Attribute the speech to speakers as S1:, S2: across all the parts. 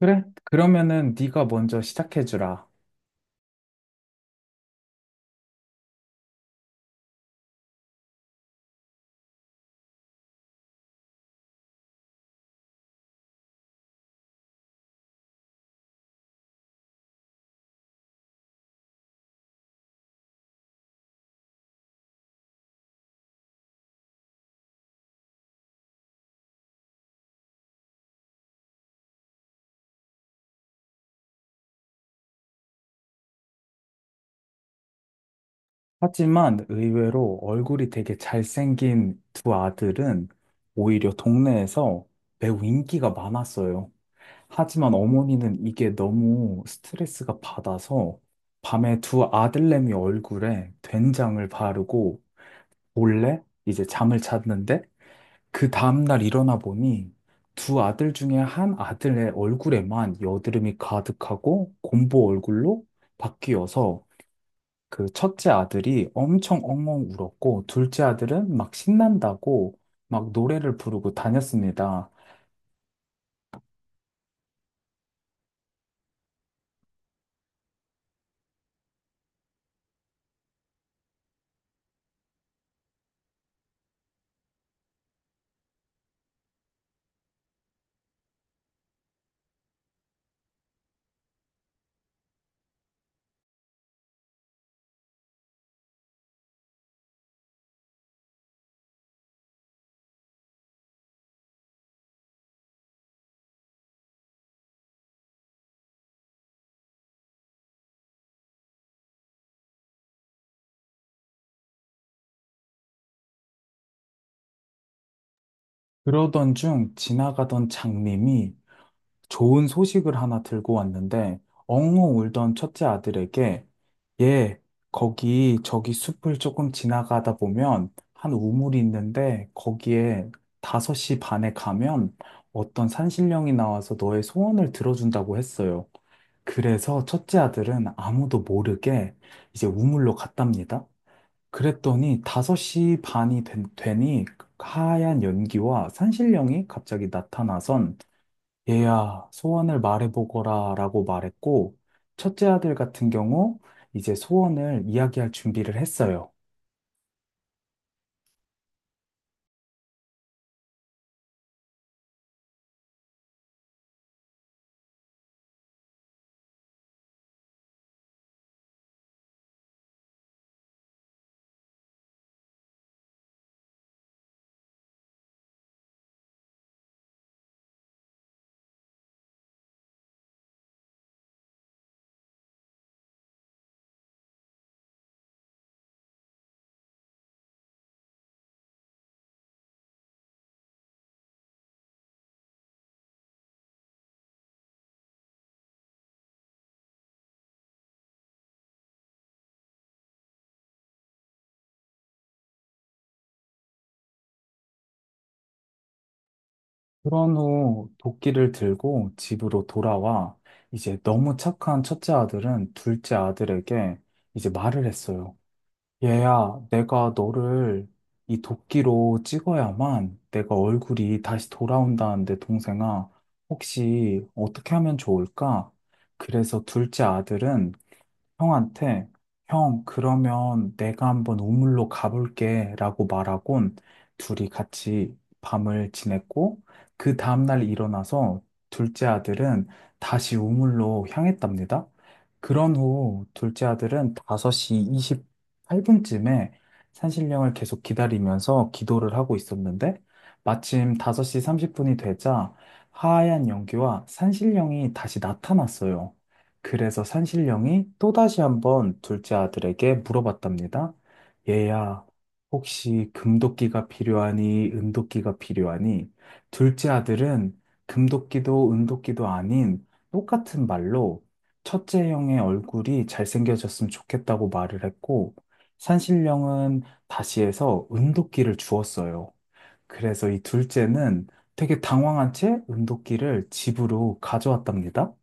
S1: 그래? 그러면은 네가 먼저 시작해주라. 하지만 의외로 얼굴이 되게 잘생긴 두 아들은 오히려 동네에서 매우 인기가 많았어요. 하지만 어머니는 이게 너무 스트레스가 받아서 밤에 두 아들내미 얼굴에 된장을 바르고 몰래 이제 잠을 잤는데, 그 다음날 일어나 보니 두 아들 중에 한 아들의 얼굴에만 여드름이 가득하고 곰보 얼굴로 바뀌어서 그 첫째 아들이 엄청 엉엉 울었고, 둘째 아들은 막 신난다고 막 노래를 부르고 다녔습니다. 그러던 중 지나가던 장님이 좋은 소식을 하나 들고 왔는데, 엉엉 울던 첫째 아들에게 얘, 거기 저기 숲을 조금 지나가다 보면 한 우물이 있는데 거기에 5시 반에 가면 어떤 산신령이 나와서 너의 소원을 들어준다고 했어요. 그래서 첫째 아들은 아무도 모르게 이제 우물로 갔답니다. 그랬더니 5시 반이 되니 하얀 연기와 산신령이 갑자기 나타나선, 얘야, 소원을 말해보거라 라고 말했고, 첫째 아들 같은 경우 이제 소원을 이야기할 준비를 했어요. 그런 후 도끼를 들고 집으로 돌아와 이제 너무 착한 첫째 아들은 둘째 아들에게 이제 말을 했어요. 얘야, 내가 너를 이 도끼로 찍어야만 내가 얼굴이 다시 돌아온다는데, 동생아, 혹시 어떻게 하면 좋을까? 그래서 둘째 아들은 형한테, 형, 그러면 내가 한번 우물로 가볼게 라고 말하곤, 둘이 같이 밤을 지냈고, 그 다음날 일어나서 둘째 아들은 다시 우물로 향했답니다. 그런 후 둘째 아들은 5시 28분쯤에 산신령을 계속 기다리면서 기도를 하고 있었는데, 마침 5시 30분이 되자 하얀 연기와 산신령이 다시 나타났어요. 그래서 산신령이 또다시 한번 둘째 아들에게 물어봤답니다. 얘야, 혹시 금도끼가 필요하니, 은도끼가 필요하니? 둘째 아들은 금도끼도 은도끼도 아닌 똑같은 말로 첫째 형의 얼굴이 잘생겨졌으면 좋겠다고 말을 했고, 산신령은 다시 해서 은도끼를 주었어요. 그래서 이 둘째는 되게 당황한 채 은도끼를 집으로 가져왔답니다.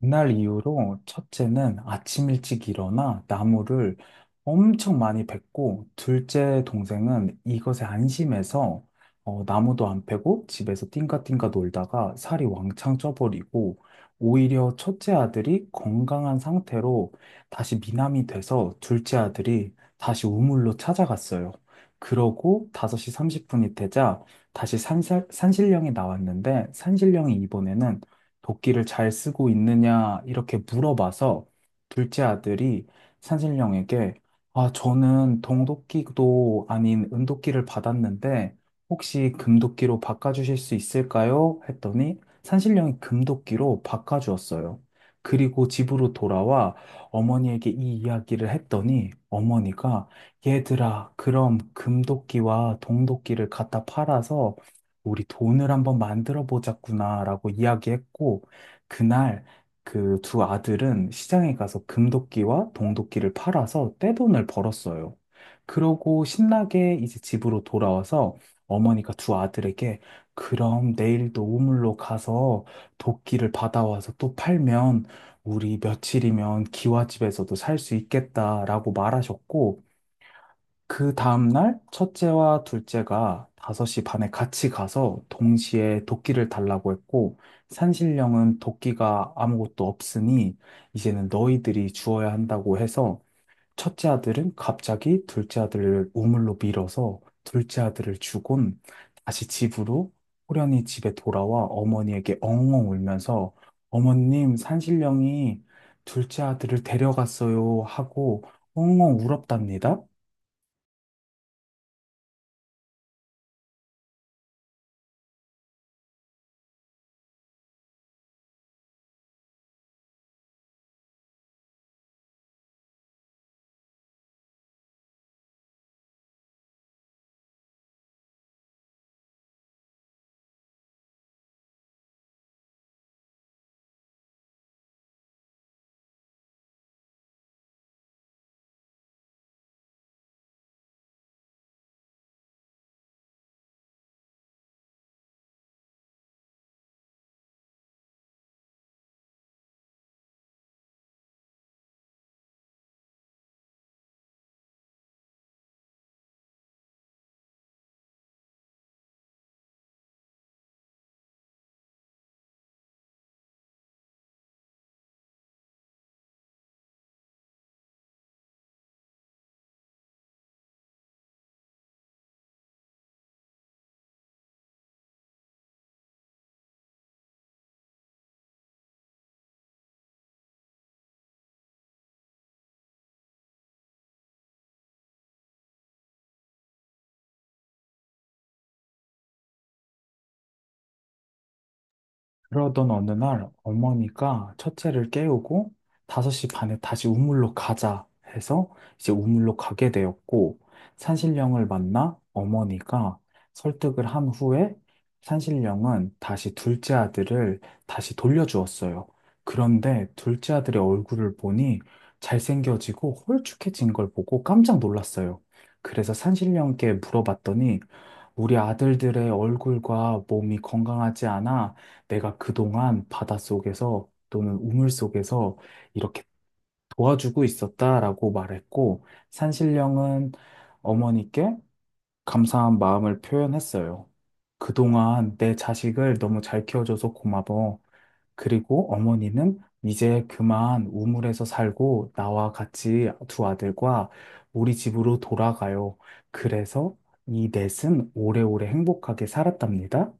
S1: 그날 이후로 첫째는 아침 일찍 일어나 나무를 엄청 많이 뱄고, 둘째 동생은 이것에 안심해서 나무도 안 패고 집에서 띵가띵가 놀다가 살이 왕창 쪄버리고, 오히려 첫째 아들이 건강한 상태로 다시 미남이 돼서 둘째 아들이 다시 우물로 찾아갔어요. 그러고 5시 30분이 되자 다시 산신령이 나왔는데, 산신령이 이번에는 도끼를 잘 쓰고 있느냐 이렇게 물어봐서 둘째 아들이 산신령에게, 아, 저는 동도끼도 아닌 은도끼를 받았는데 혹시 금도끼로 바꿔주실 수 있을까요? 했더니 산신령이 금도끼로 바꿔주었어요. 그리고 집으로 돌아와 어머니에게 이 이야기를 했더니 어머니가 얘들아, 그럼 금도끼와 동도끼를 갖다 팔아서 우리 돈을 한번 만들어 보자꾸나라고 이야기했고, 그날 그 두 아들은 시장에 가서 금도끼와 동도끼를 팔아서 떼돈을 벌었어요. 그러고 신나게 이제 집으로 돌아와서 어머니가 두 아들에게, 그럼 내일도 우물로 가서 도끼를 받아와서 또 팔면 우리 며칠이면 기와집에서도 살 수 있겠다라고 말하셨고, 그 다음날 첫째와 둘째가 5시 반에 같이 가서 동시에 도끼를 달라고 했고, 산신령은 도끼가 아무것도 없으니 이제는 너희들이 주어야 한다고 해서, 첫째 아들은 갑자기 둘째 아들을 우물로 밀어서 둘째 아들을 주곤 다시 집으로, 호련히 집에 돌아와 어머니에게 엉엉 울면서, 어머님, 산신령이 둘째 아들을 데려갔어요 하고 엉엉 울었답니다. 그러던 어느 날 어머니가 첫째를 깨우고 5시 반에 다시 우물로 가자 해서 이제 우물로 가게 되었고, 산신령을 만나 어머니가 설득을 한 후에 산신령은 다시 둘째 아들을 다시 돌려주었어요. 그런데 둘째 아들의 얼굴을 보니 잘생겨지고 홀쭉해진 걸 보고 깜짝 놀랐어요. 그래서 산신령께 물어봤더니, 우리 아들들의 얼굴과 몸이 건강하지 않아 내가 그동안 바닷속에서 또는 우물 속에서 이렇게 도와주고 있었다라고 말했고, 산신령은 어머니께 감사한 마음을 표현했어요. 그동안 내 자식을 너무 잘 키워줘서 고마워. 그리고 어머니는 이제 그만 우물에서 살고 나와 같이 두 아들과 우리 집으로 돌아가요. 그래서 이 넷은 오래오래 행복하게 살았답니다.